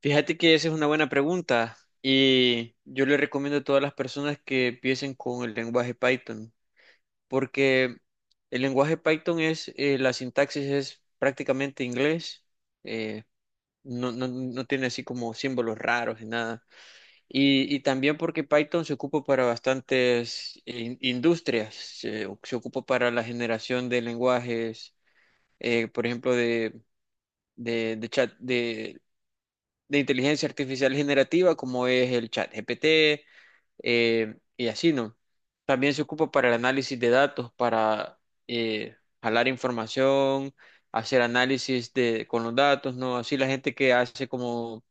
Fíjate que esa es una buena pregunta y yo le recomiendo a todas las personas que empiecen con el lenguaje Python, porque el lenguaje Python es, la sintaxis es prácticamente inglés. eh, no tiene así como símbolos raros ni nada. Y también porque Python se ocupa para bastantes industrias. Se ocupa para la generación de lenguajes, por ejemplo, de chat, de inteligencia artificial generativa, como es el chat GPT. Y así, ¿no? También se ocupa para el análisis de datos, para eh, jalar información, hacer análisis de, con los datos, ¿no? Así la gente que hace como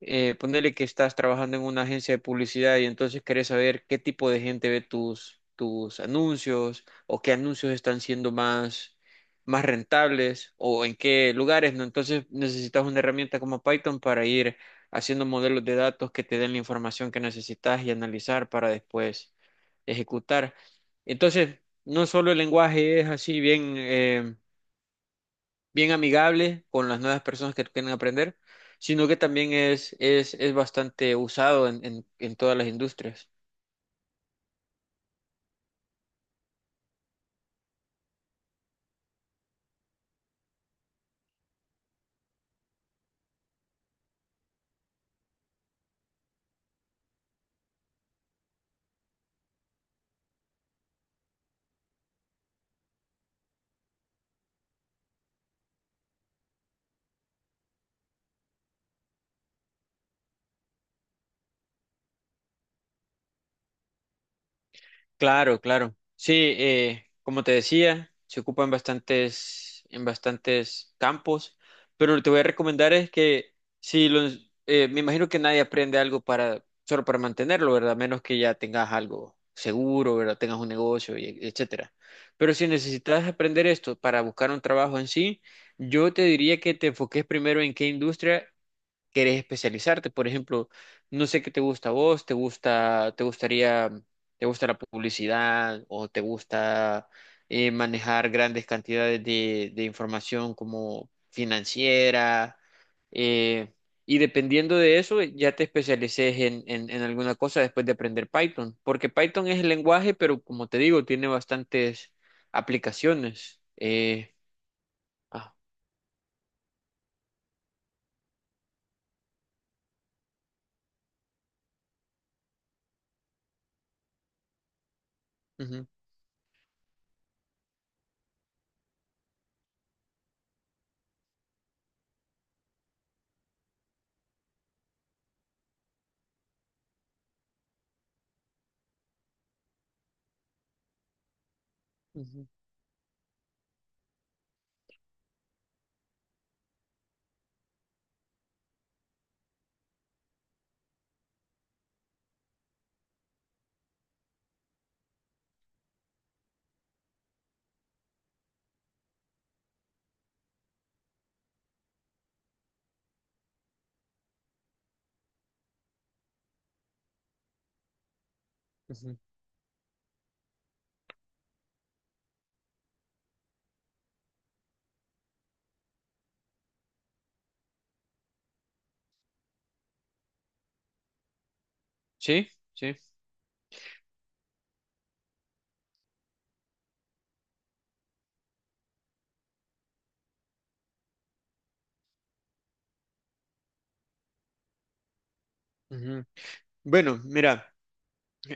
ponele que estás trabajando en una agencia de publicidad y entonces querés saber qué tipo de gente ve tus anuncios o qué anuncios están siendo más, más rentables o en qué lugares, ¿no? Entonces necesitas una herramienta como Python para ir haciendo modelos de datos que te den la información que necesitas y analizar para después ejecutar. Entonces, no solo el lenguaje es así bien amigable con las nuevas personas que quieren aprender, sino que también es bastante usado en todas las industrias. Claro, claro. Sí, como te decía, se ocupa en bastantes campos, pero lo que te voy a recomendar es que si los, me imagino que nadie aprende algo para, solo para mantenerlo, ¿verdad? A menos que ya tengas algo seguro, ¿verdad? Tengas un negocio, y etcétera. Pero si necesitas aprender esto para buscar un trabajo en sí, yo te diría que te enfoques primero en qué industria querés especializarte. Por ejemplo, no sé qué te gusta a vos, te gusta, te gustaría, te gusta la publicidad o te gusta manejar grandes cantidades de información como financiera. eh, y dependiendo de eso, ya te especialices en alguna cosa después de aprender Python, porque Python es el lenguaje, pero como te digo, tiene bastantes aplicaciones. Ah, ujú, ujú, ujú. Sí, sí. Ujú. Bueno, mira,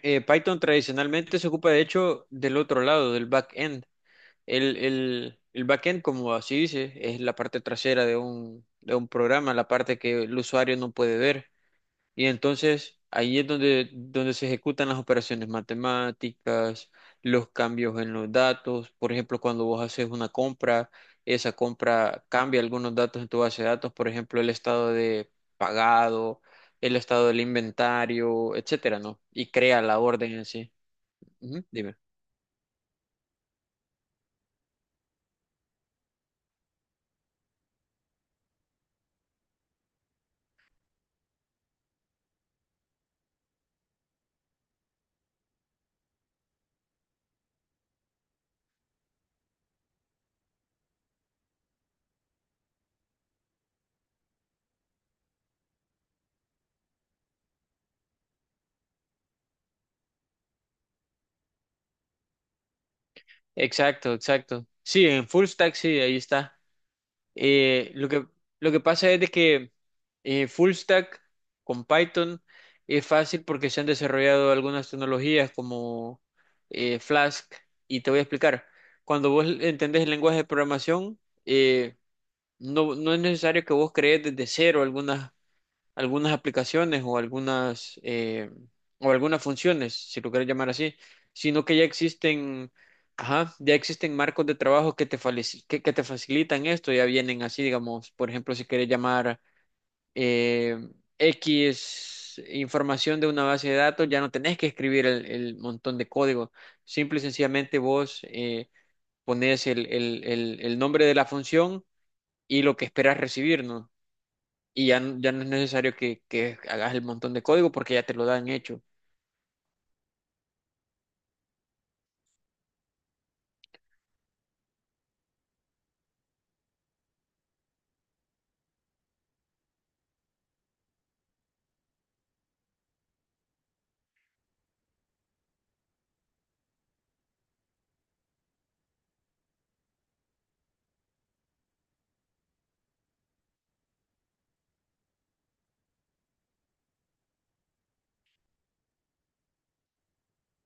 Python tradicionalmente se ocupa de hecho del otro lado, del backend. El backend, como así dice, es la parte trasera de un programa, la parte que el usuario no puede ver. Y entonces ahí es donde, donde se ejecutan las operaciones matemáticas, los cambios en los datos. Por ejemplo, cuando vos haces una compra, esa compra cambia algunos datos en tu base de datos, por ejemplo, el estado de pagado, el estado del inventario, etcétera, ¿no? Y crea la orden en sí. Ujú, dime. Exacto, exacto. Sí, en full stack sí, ahí está. Eh, lo que, lo que pasa es de que full stack con Python es fácil porque se han desarrollado algunas tecnologías como Flask, y te voy a explicar. Cuando vos entendés el lenguaje de programación, eh, no es necesario que vos crees desde cero algunas aplicaciones o algunas funciones, si lo quieres llamar así, sino que ya existen, ajá, ya existen marcos de trabajo que que te facilitan esto, ya vienen así, digamos, por ejemplo, si quieres llamar eh, X información de una base de datos, ya no tenés que escribir el montón de código, simple y sencillamente vos pones el nombre de la función y lo que esperas recibir, ¿no? Y ya, ya no es necesario que hagas el montón de código porque ya te lo dan hecho.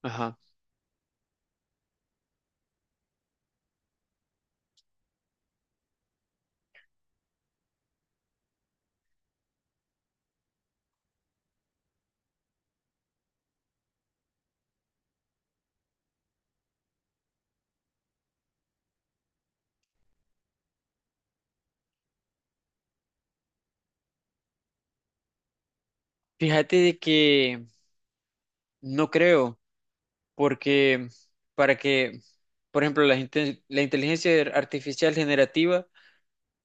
Ajá. Fíjate de que no creo, porque para que, por ejemplo, la inteligencia artificial generativa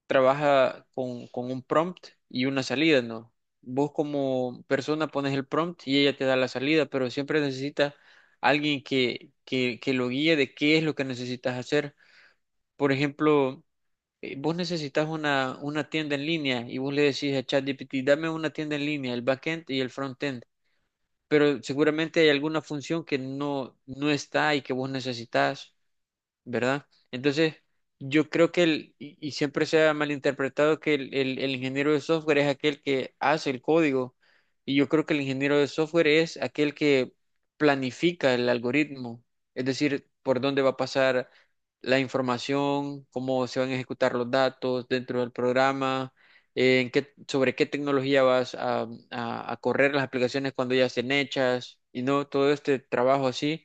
trabaja con un prompt y una salida, ¿no? Vos como persona pones el prompt y ella te da la salida, pero siempre necesitas alguien que lo guíe de qué es lo que necesitas hacer. Por ejemplo, vos necesitas una tienda en línea y vos le decís a ChatGPT, dame una tienda en línea, el backend y el frontend, pero seguramente hay alguna función que no está y que vos necesitas. ¿Verdad? Entonces, yo creo que el, y siempre se ha malinterpretado que el ingeniero de software es aquel que hace el código, y yo creo que el ingeniero de software es aquel que planifica el algoritmo, es decir, por dónde va a pasar la información, cómo se van a ejecutar los datos dentro del programa. En qué, sobre qué tecnología vas a correr las aplicaciones cuando ya estén hechas y no todo este trabajo así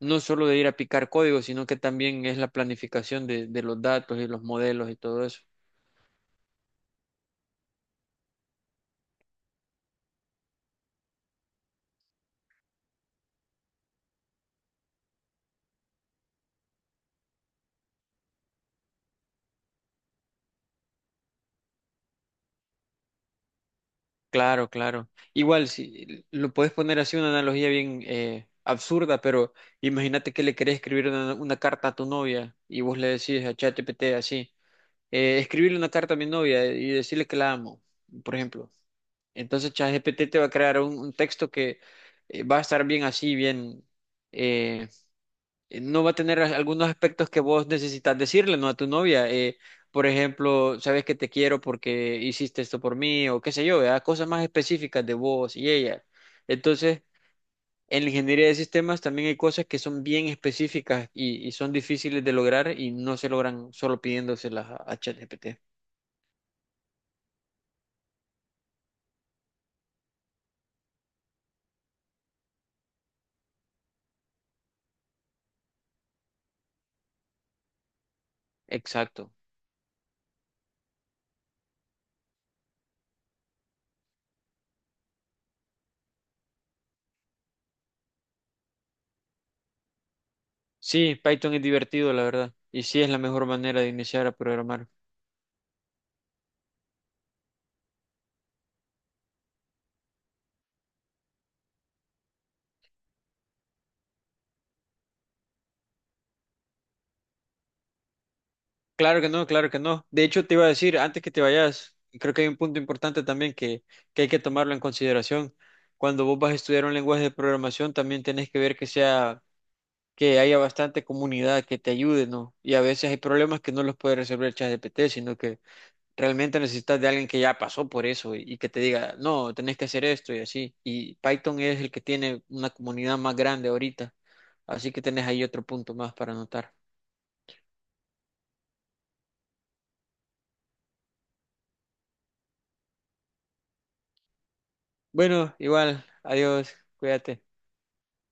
no solo de ir a picar código, sino que también es la planificación de los datos y los modelos y todo eso. Claro, claro. Igual, si lo puedes poner así una analogía bien absurda, pero imagínate que le querés escribir una carta a tu novia y vos le decís a ChatGPT así, escribirle una carta a mi novia y decirle que la amo, por ejemplo. Entonces ChatGPT te va a crear un texto que va a estar bien así, bien eh, no va a tener algunos aspectos que vos necesitas decirle, ¿no? A tu novia. Por ejemplo, sabes que te quiero porque hiciste esto por mí o qué sé yo, ¿verdad? Cosas más específicas de vos y ella. Entonces, en la ingeniería de sistemas también hay cosas que son bien específicas y son difíciles de lograr y no se logran solo pidiéndoselas a ChatGPT. Exacto. Sí, Python es divertido, la verdad. Y sí es la mejor manera de iniciar a programar. Claro que no, claro que no. De hecho, te iba a decir, antes que te vayas, creo que hay un punto importante también que hay que tomarlo en consideración. Cuando vos vas a estudiar un lenguaje de programación, también tenés que ver que sea, que haya bastante comunidad que te ayude, ¿no? Y a veces hay problemas que no los puede resolver ChatGPT, sino que realmente necesitas de alguien que ya pasó por eso y que te diga, no, tenés que hacer esto y así. Y Python es el que tiene una comunidad más grande ahorita, así que tenés ahí otro punto más para anotar. Bueno, igual, adiós, cuídate.